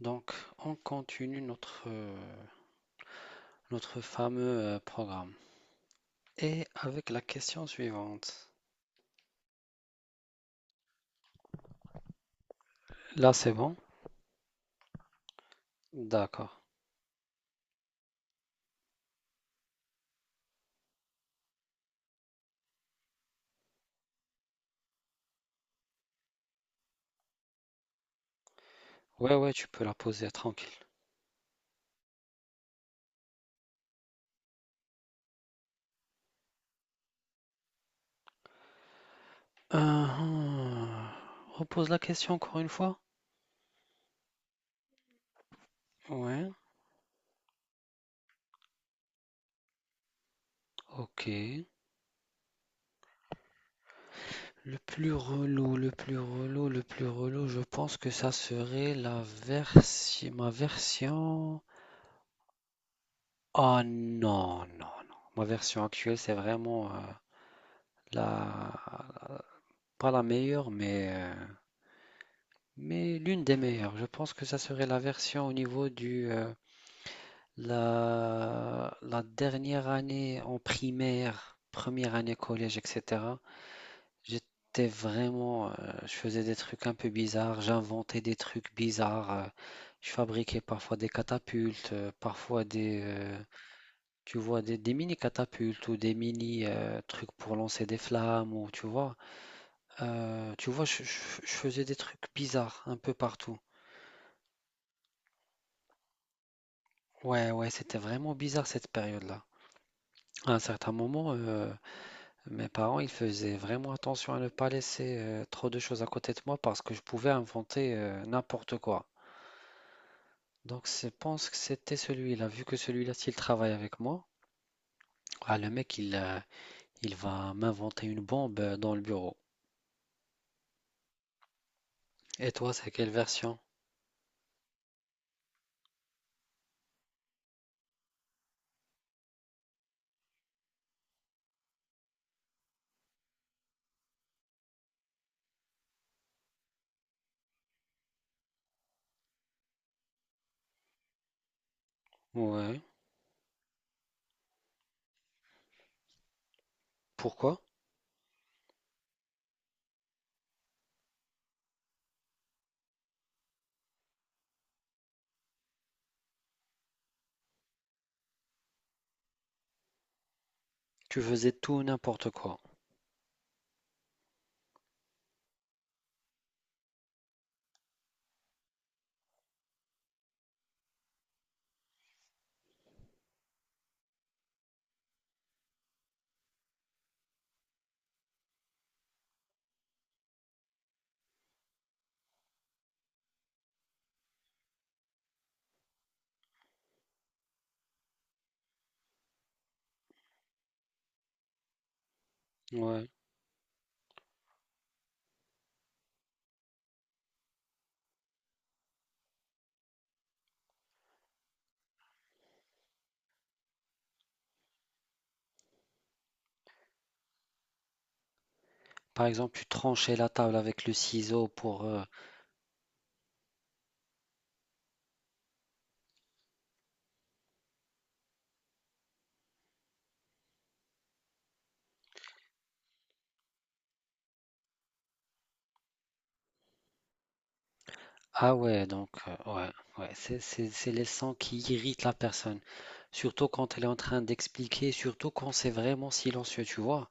Donc, on continue notre fameux programme. Et avec la question suivante. Là, c'est bon? D'accord. Ouais, ouais, tu peux la poser tranquille. Euh, hum, Repose la question encore une fois? Ouais, ok. Le plus relou, le plus relou, le plus relou, je pense que ça serait ma version. Oh non, non, non. Ma version actuelle, c'est vraiment la, pas la meilleure, mais l'une des meilleures, je pense que ça serait la version au niveau du la dernière année en primaire, première année collège, etc. J'étais je faisais des trucs un peu bizarres, j'inventais des trucs bizarres, je fabriquais parfois des catapultes, parfois tu vois, des mini catapultes ou des mini trucs pour lancer des flammes ou tu vois, je faisais des trucs bizarres un peu partout. Ouais, ouais, c'était vraiment bizarre cette période-là. À un certain moment, mes parents, ils faisaient vraiment attention à ne pas laisser trop de choses à côté de moi parce que je pouvais inventer n'importe quoi. Donc, je pense que c'était celui-là. Vu que celui-là, s'il travaille avec moi, ah, le mec, il va m'inventer une bombe dans le bureau. Et toi, c'est quelle version? Ouais. Pourquoi? Tu faisais tout n'importe quoi. Ouais. Par exemple, tu tranchais la table avec le ciseau pour Ah ouais, donc, ouais, ouais, c'est les sons qui irritent la personne. Surtout quand elle est en train d'expliquer, surtout quand c'est vraiment silencieux, tu vois.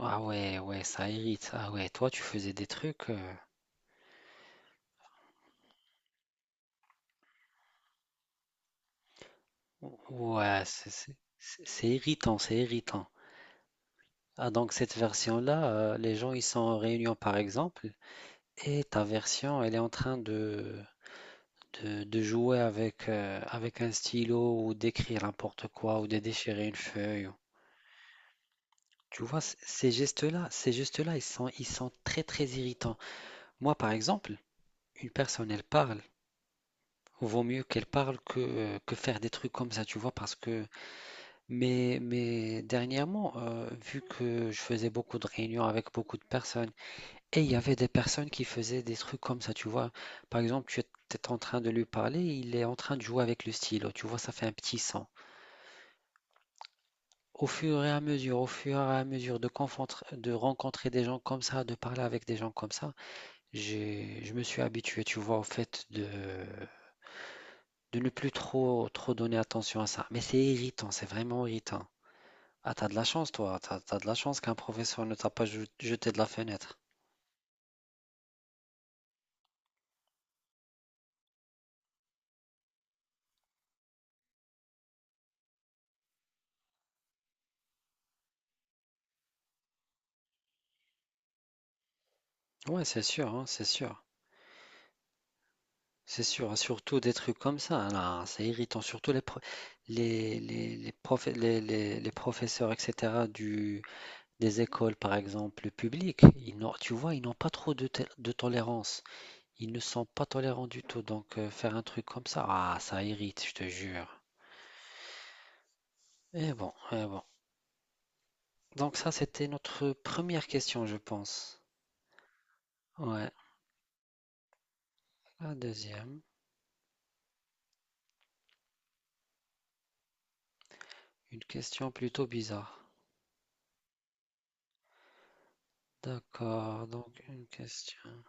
Ah ouais, ouais, ça irrite. Ah ouais, toi, tu faisais des trucs. Ouais, c'est irritant, c'est irritant. Ah, donc, cette version-là, les gens, ils sont en réunion, par exemple, et ta version, elle est en train de jouer avec, avec un stylo ou d'écrire n'importe quoi ou de déchirer une feuille. Tu vois, ces gestes-là, ils sont très très irritants. Moi, par exemple, une personne, elle parle. Vaut mieux qu'elle parle que faire des trucs comme ça, tu vois, parce que... mais dernièrement, vu que je faisais beaucoup de réunions avec beaucoup de personnes, et il y avait des personnes qui faisaient des trucs comme ça, tu vois. Par exemple, tu es en train de lui parler, il est en train de jouer avec le stylo, tu vois, ça fait un petit son. Au fur et à mesure, au fur et à mesure de de rencontrer des gens comme ça, de parler avec des gens comme ça, je me suis habitué, tu vois, au fait de ne plus trop donner attention à ça. Mais c'est irritant, c'est vraiment irritant. Ah, t'as de la chance, toi. T'as de la chance qu'un professeur ne t'a pas jeté de la fenêtre. Ouais, c'est sûr, hein, c'est sûr. C'est sûr, hein, surtout des trucs comme ça, hein, là, c'est irritant. Les professeurs, etc., des écoles, par exemple, publiques, ils n'ont, tu vois, ils n'ont pas trop de tolérance. Ils ne sont pas tolérants du tout, donc faire un truc comme ça, ah, ça irrite, je te jure. Et bon, et bon. Donc ça, c'était notre première question, je pense. Ouais. La deuxième, une question plutôt bizarre. D'accord, donc une question.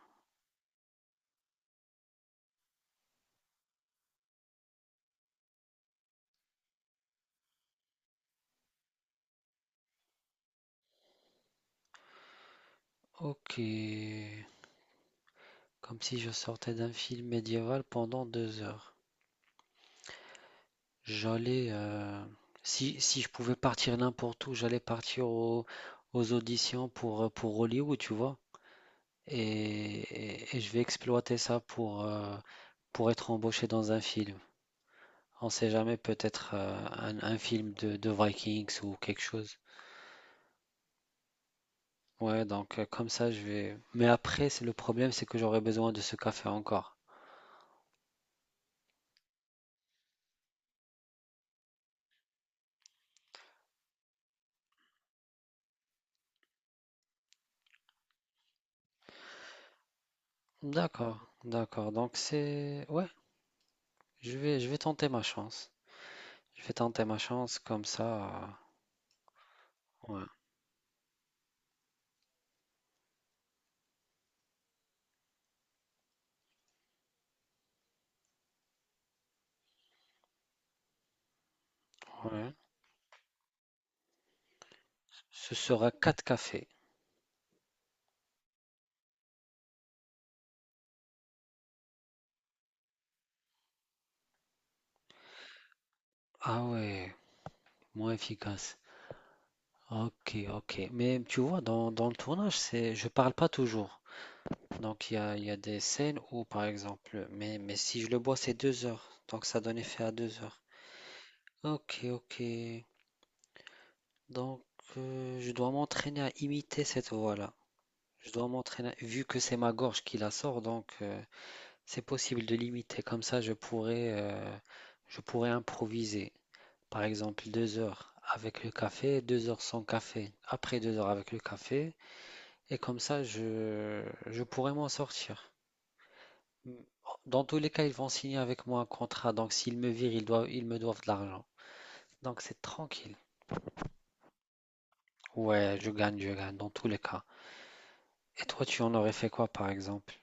Ok. Comme si je sortais d'un film médiéval pendant deux heures. J'allais... euh, Si, si je pouvais partir n'importe où, aux auditions pour Hollywood, tu vois. Et, et je vais exploiter ça pour être embauché dans un film. On sait jamais, peut-être un film de Vikings ou quelque chose. Ouais, donc comme ça, je vais. Mais après, c'est le problème, c'est que j'aurai besoin de ce café encore. D'accord, d'accord. Donc c'est. Ouais, je vais tenter ma chance. Je vais tenter ma chance comme ça. Ouais, ouais. Ce sera quatre cafés. Ah ouais, moins efficace. Ok, ok. Mais tu vois, dans le tournage, c'est, je parle pas toujours. Donc il y a des scènes où, par exemple, mais si je le bois, c'est deux heures. Donc ça donne effet à deux heures. Ok, ok. Donc je dois m'entraîner à imiter cette voix-là. Je dois m'entraîner, vu que c'est ma gorge qui la sort, donc c'est possible de l'imiter. Comme ça, je pourrais improviser. Par exemple, deux heures avec le café, deux heures sans café. Après deux heures avec le café. Et comme ça, je pourrais m'en sortir. Mm. Dans tous les cas, ils vont signer avec moi un contrat. Donc, s'ils me virent, ils me doivent de l'argent. Donc, c'est tranquille. Ouais, je gagne, dans tous les cas. Et toi, tu en aurais fait quoi, par exemple?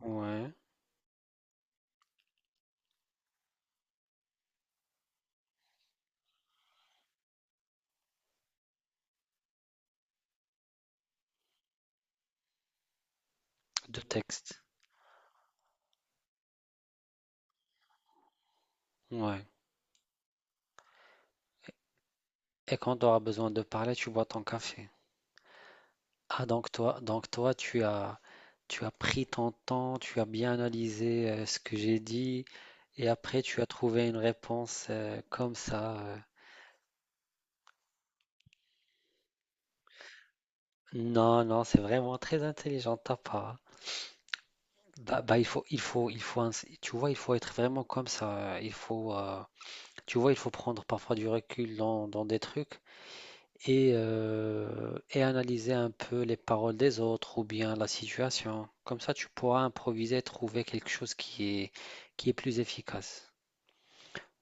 Ouais, de texte. Ouais. Et quand tu auras besoin de parler, tu bois ton café. Ah, donc toi, tu as pris ton temps, tu as bien analysé ce que j'ai dit, et après, tu as trouvé une réponse comme ça. Non, non, c'est vraiment très intelligent de ta part. Bah, bah, tu vois, il faut être vraiment comme ça. Tu vois, il faut prendre parfois du recul dans, dans des trucs et analyser un peu les paroles des autres ou bien la situation. Comme ça, tu pourras improviser, trouver quelque chose qui est plus efficace.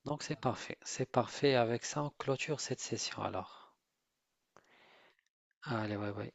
Donc, c'est parfait. C'est parfait. Avec ça, on clôture cette session alors. Allez, ouais, ouais.